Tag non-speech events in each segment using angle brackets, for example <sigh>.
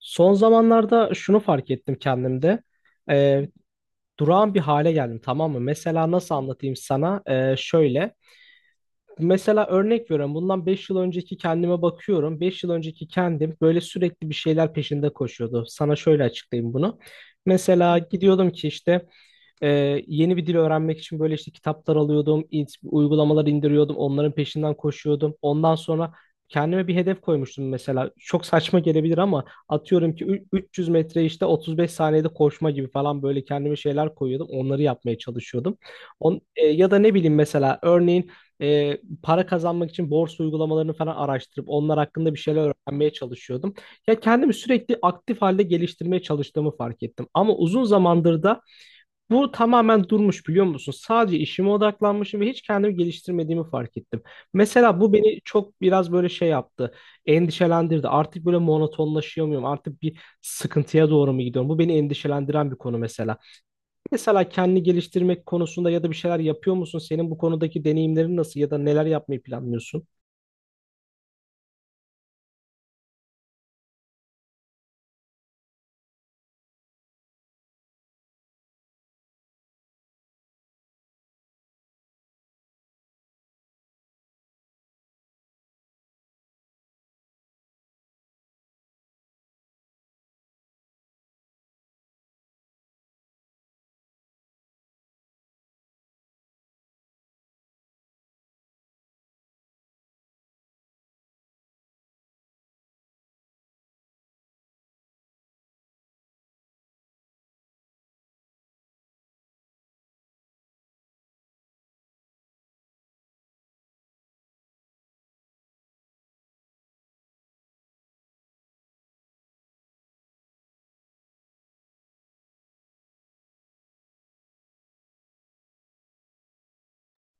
Son zamanlarda şunu fark ettim kendimde. Ee, durağan bir hale geldim, tamam mı? Mesela nasıl anlatayım sana? Şöyle. Mesela örnek veriyorum. Bundan 5 yıl önceki kendime bakıyorum. Beş yıl önceki kendim böyle sürekli bir şeyler peşinde koşuyordu. Sana şöyle açıklayayım bunu. Mesela gidiyordum ki işte e, yeni bir dil öğrenmek için böyle işte kitaplar alıyordum, uygulamalar indiriyordum, onların peşinden koşuyordum. Ondan sonra kendime bir hedef koymuştum mesela. Çok saçma gelebilir ama atıyorum ki 300 metre işte 35 saniyede koşma gibi falan, böyle kendime şeyler koyuyordum. Onları yapmaya çalışıyordum. Ya da ne bileyim, mesela örneğin e, para kazanmak için borsa uygulamalarını falan araştırıp onlar hakkında bir şeyler öğrenmeye çalışıyordum. Ya, kendimi sürekli aktif halde geliştirmeye çalıştığımı fark ettim. Ama uzun zamandır da bu tamamen durmuş, biliyor musun? Sadece işime odaklanmışım ve hiç kendimi geliştirmediğimi fark ettim. Mesela bu beni çok biraz böyle şey yaptı. Endişelendirdi. Artık böyle monotonlaşıyor muyum? Artık bir sıkıntıya doğru mu gidiyorum? Bu beni endişelendiren bir konu mesela. Mesela kendini geliştirmek konusunda ya da bir şeyler yapıyor musun? Senin bu konudaki deneyimlerin nasıl ya da neler yapmayı planlıyorsun?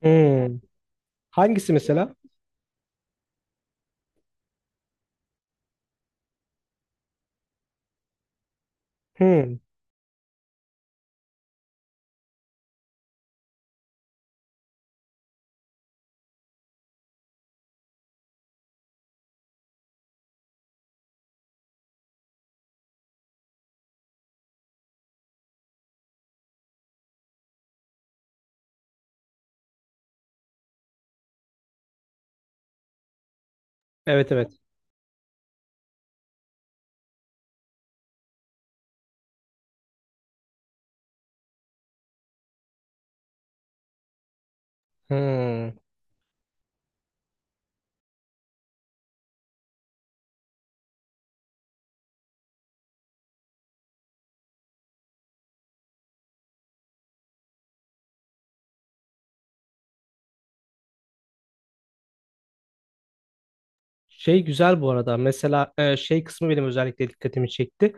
Hmm. Hangisi mesela? Hmm. Evet, evet. Hmm. Şey, güzel bu arada. Mesela şey kısmı benim özellikle dikkatimi çekti.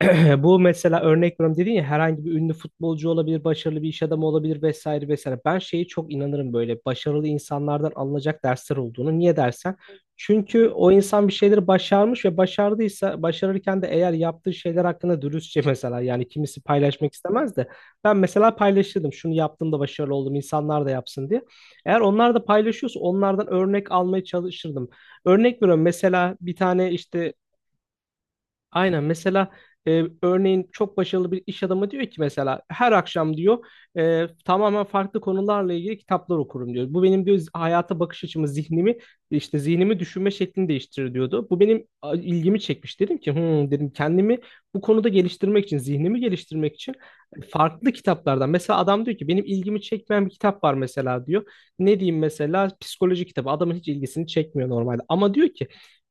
<clears throat> Bu mesela, örnek veriyorum, dedin ya, herhangi bir ünlü futbolcu olabilir, başarılı bir iş adamı olabilir, vesaire vesaire. Ben şeye çok inanırım, böyle başarılı insanlardan alınacak dersler olduğunu. Niye dersen? Çünkü o insan bir şeyleri başarmış ve başardıysa, başarırken de eğer yaptığı şeyler hakkında dürüstçe, mesela, yani kimisi paylaşmak istemez de ben mesela paylaşırdım, şunu yaptım da başarılı oldum, insanlar da yapsın diye. Eğer onlar da paylaşıyorsa onlardan örnek almaya çalışırdım. Örnek veriyorum, mesela bir tane işte. Aynen, mesela örneğin çok başarılı bir iş adamı diyor ki, mesela her akşam diyor tamamen farklı konularla ilgili kitaplar okurum diyor. Bu benim diyor hayata bakış açımı, zihnimi işte zihnimi, düşünme şeklini değiştirir diyordu. Bu benim ilgimi çekmiş. Dedim ki "Hmm," dedim, kendimi bu konuda geliştirmek için, zihnimi geliştirmek için farklı kitaplardan. Mesela adam diyor ki, benim ilgimi çekmeyen bir kitap var mesela diyor. Ne diyeyim, mesela psikoloji kitabı. Adamın hiç ilgisini çekmiyor normalde. Ama diyor ki,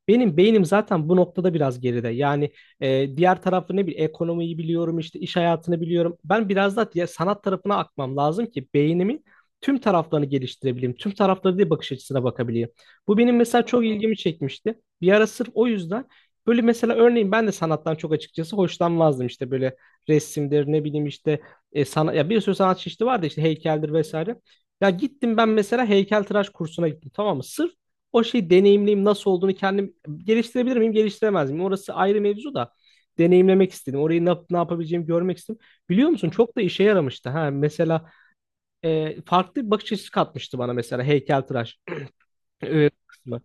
benim beynim zaten bu noktada biraz geride. Yani diğer tarafı, ne bileyim, ekonomiyi biliyorum işte, iş hayatını biliyorum. Ben biraz da diğer sanat tarafına akmam lazım ki beynimin tüm taraflarını geliştirebileyim. Tüm tarafları diye bakış açısına bakabileyim. Bu benim mesela çok ilgimi çekmişti. Bir ara sırf o yüzden böyle, mesela örneğin, ben de sanattan çok açıkçası hoşlanmazdım, işte böyle resimdir, ne bileyim işte, ya, bir sürü sanat çeşidi vardı işte, heykeldir vesaire. Ya gittim ben mesela, heykeltıraş kursuna gittim, tamam mı? Sırf o şeyi deneyimleyeyim, nasıl olduğunu kendim geliştirebilir miyim, geliştiremez miyim? Orası ayrı mevzu da, deneyimlemek istedim. Orayı ne yapabileceğimi görmek istedim. Biliyor musun, çok da işe yaramıştı. Ha, mesela farklı bir bakış açısı katmıştı bana, mesela heykeltıraş <clears throat> kısmı.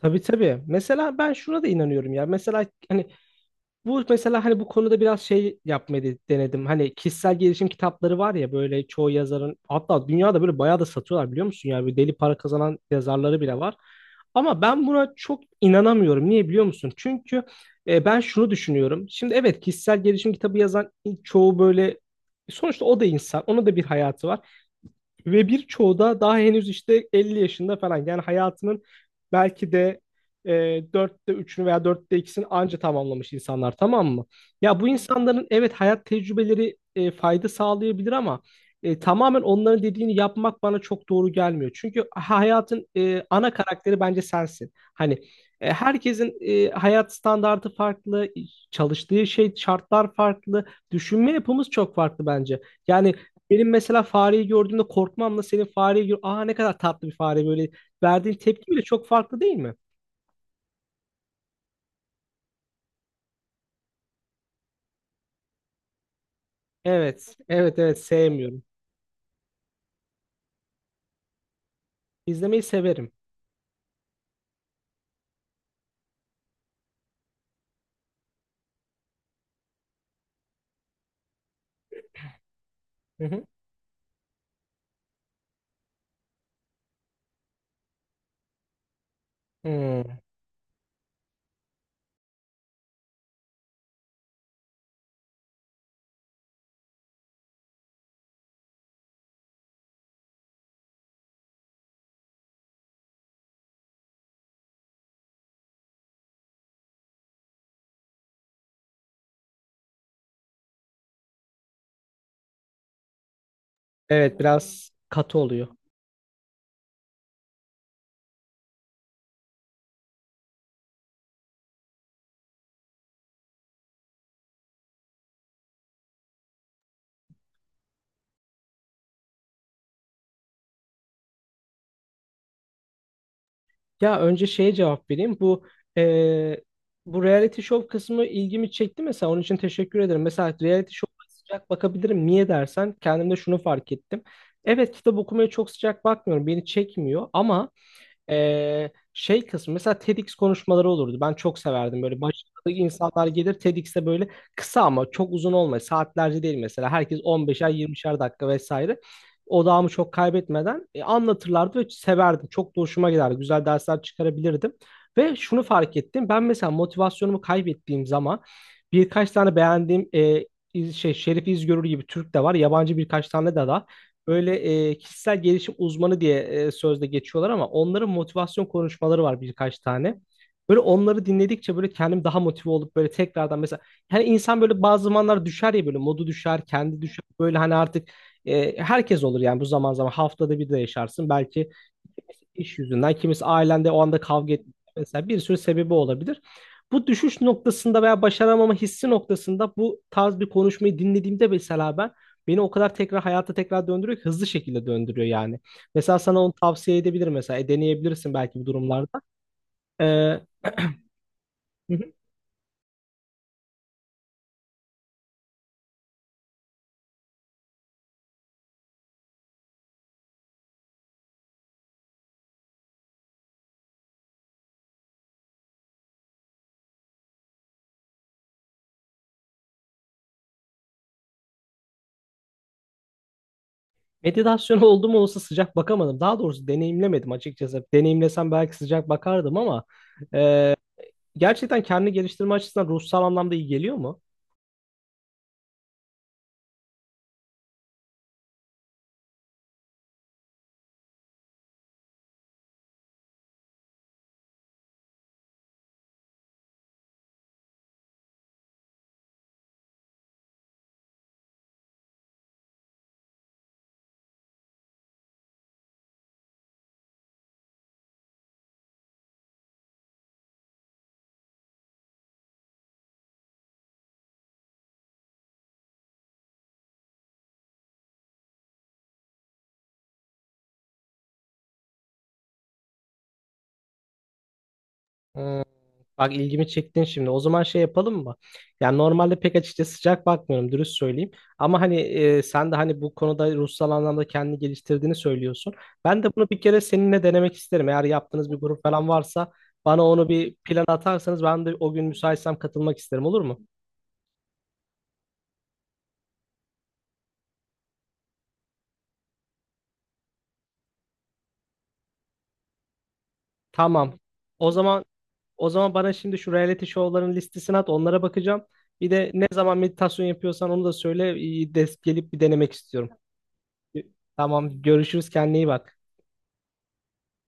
Tabii, tabii. Mesela ben şuna da inanıyorum ya. Mesela hani. Bu mesela, hani bu konuda biraz şey yapmayı denedim. Hani kişisel gelişim kitapları var ya, böyle çoğu yazarın, hatta dünyada böyle bayağı da satıyorlar, biliyor musun? Yani böyle deli para kazanan yazarları bile var. Ama ben buna çok inanamıyorum. Niye biliyor musun? Çünkü ben şunu düşünüyorum. Şimdi evet, kişisel gelişim kitabı yazan çoğu böyle, sonuçta o da insan. Onun da bir hayatı var. Ve birçoğu da daha henüz işte 50 yaşında falan. Yani hayatının belki de e, 4'te 3'ünü veya 4'te 2'sini anca tamamlamış insanlar, tamam mı? Ya bu insanların evet hayat tecrübeleri fayda sağlayabilir ama tamamen onların dediğini yapmak bana çok doğru gelmiyor. Çünkü hayatın ana karakteri bence sensin. Hani herkesin hayat standardı farklı, çalıştığı şey, şartlar farklı, düşünme yapımız çok farklı bence. Yani benim mesela fareyi gördüğümde korkmamla, senin fareyi gör... Aa, ne kadar tatlı bir fare böyle. Verdiğin tepki bile çok farklı, değil mi? Evet. Evet, evet, sevmiyorum. İzlemeyi severim. Hı hı. Hmm. Evet, biraz katı oluyor. Ya, önce şeye cevap vereyim. Eee, bu reality show kısmı ilgimi çekti mesela. Onun için teşekkür ederim. Mesela reality show'a sıcak bakabilirim. Niye dersen, kendimde şunu fark ettim. Evet, kitap okumaya çok sıcak bakmıyorum. Beni çekmiyor ama şey kısmı mesela TEDx konuşmaları olurdu. Ben çok severdim, böyle başarılı insanlar gelir TEDx'te, böyle kısa, ama çok uzun olmaz. Saatlerce değil mesela. Herkes 15'er 20'şer dakika vesaire. Odağımı çok kaybetmeden anlatırlardı ve severdim. Çok da hoşuma giderdi. Güzel dersler çıkarabilirdim. Ve şunu fark ettim. Ben mesela motivasyonumu kaybettiğim zaman birkaç tane beğendiğim, Şerif İzgörür gibi Türk de var. Yabancı birkaç tane de böyle kişisel gelişim uzmanı diye sözde geçiyorlar ama onların motivasyon konuşmaları var birkaç tane. Böyle onları dinledikçe böyle kendim daha motive olup böyle tekrardan, mesela, yani insan böyle bazı zamanlar düşer ya, böyle modu düşer, kendi düşer. Böyle hani artık herkes olur yani, bu zaman zaman haftada bir de yaşarsın belki, iş yüzünden, kimisi ailende o anda kavga etmiş, mesela bir sürü sebebi olabilir. Bu düşüş noktasında veya başaramama hissi noktasında bu tarz bir konuşmayı dinlediğimde mesela ben, beni o kadar tekrar hayata tekrar döndürüyor ki, hızlı şekilde döndürüyor yani. Mesela sana onu tavsiye edebilirim, mesela deneyebilirsin belki bu durumlarda. Hı hı. Meditasyon oldu mu, olsa sıcak bakamadım. Daha doğrusu deneyimlemedim açıkçası. Deneyimlesem belki sıcak bakardım ama e, gerçekten kendini geliştirme açısından ruhsal anlamda iyi geliyor mu? Ee, Bak, ilgimi çektin şimdi. O zaman şey yapalım mı? Yani normalde pek açıkçası sıcak bakmıyorum, dürüst söyleyeyim. Ama hani sen de hani bu konuda ruhsal anlamda kendini geliştirdiğini söylüyorsun. Ben de bunu bir kere seninle denemek isterim. Eğer yaptığınız bir grup falan varsa, bana onu bir plan atarsanız ben de o gün müsaitsem katılmak isterim, olur mu? Tamam. O zaman o zaman bana şimdi şu reality show'ların listesini at, onlara bakacağım. Bir de ne zaman meditasyon yapıyorsan onu da söyle. Des gelip bir denemek istiyorum. Tamam, görüşürüz, kendine iyi bak.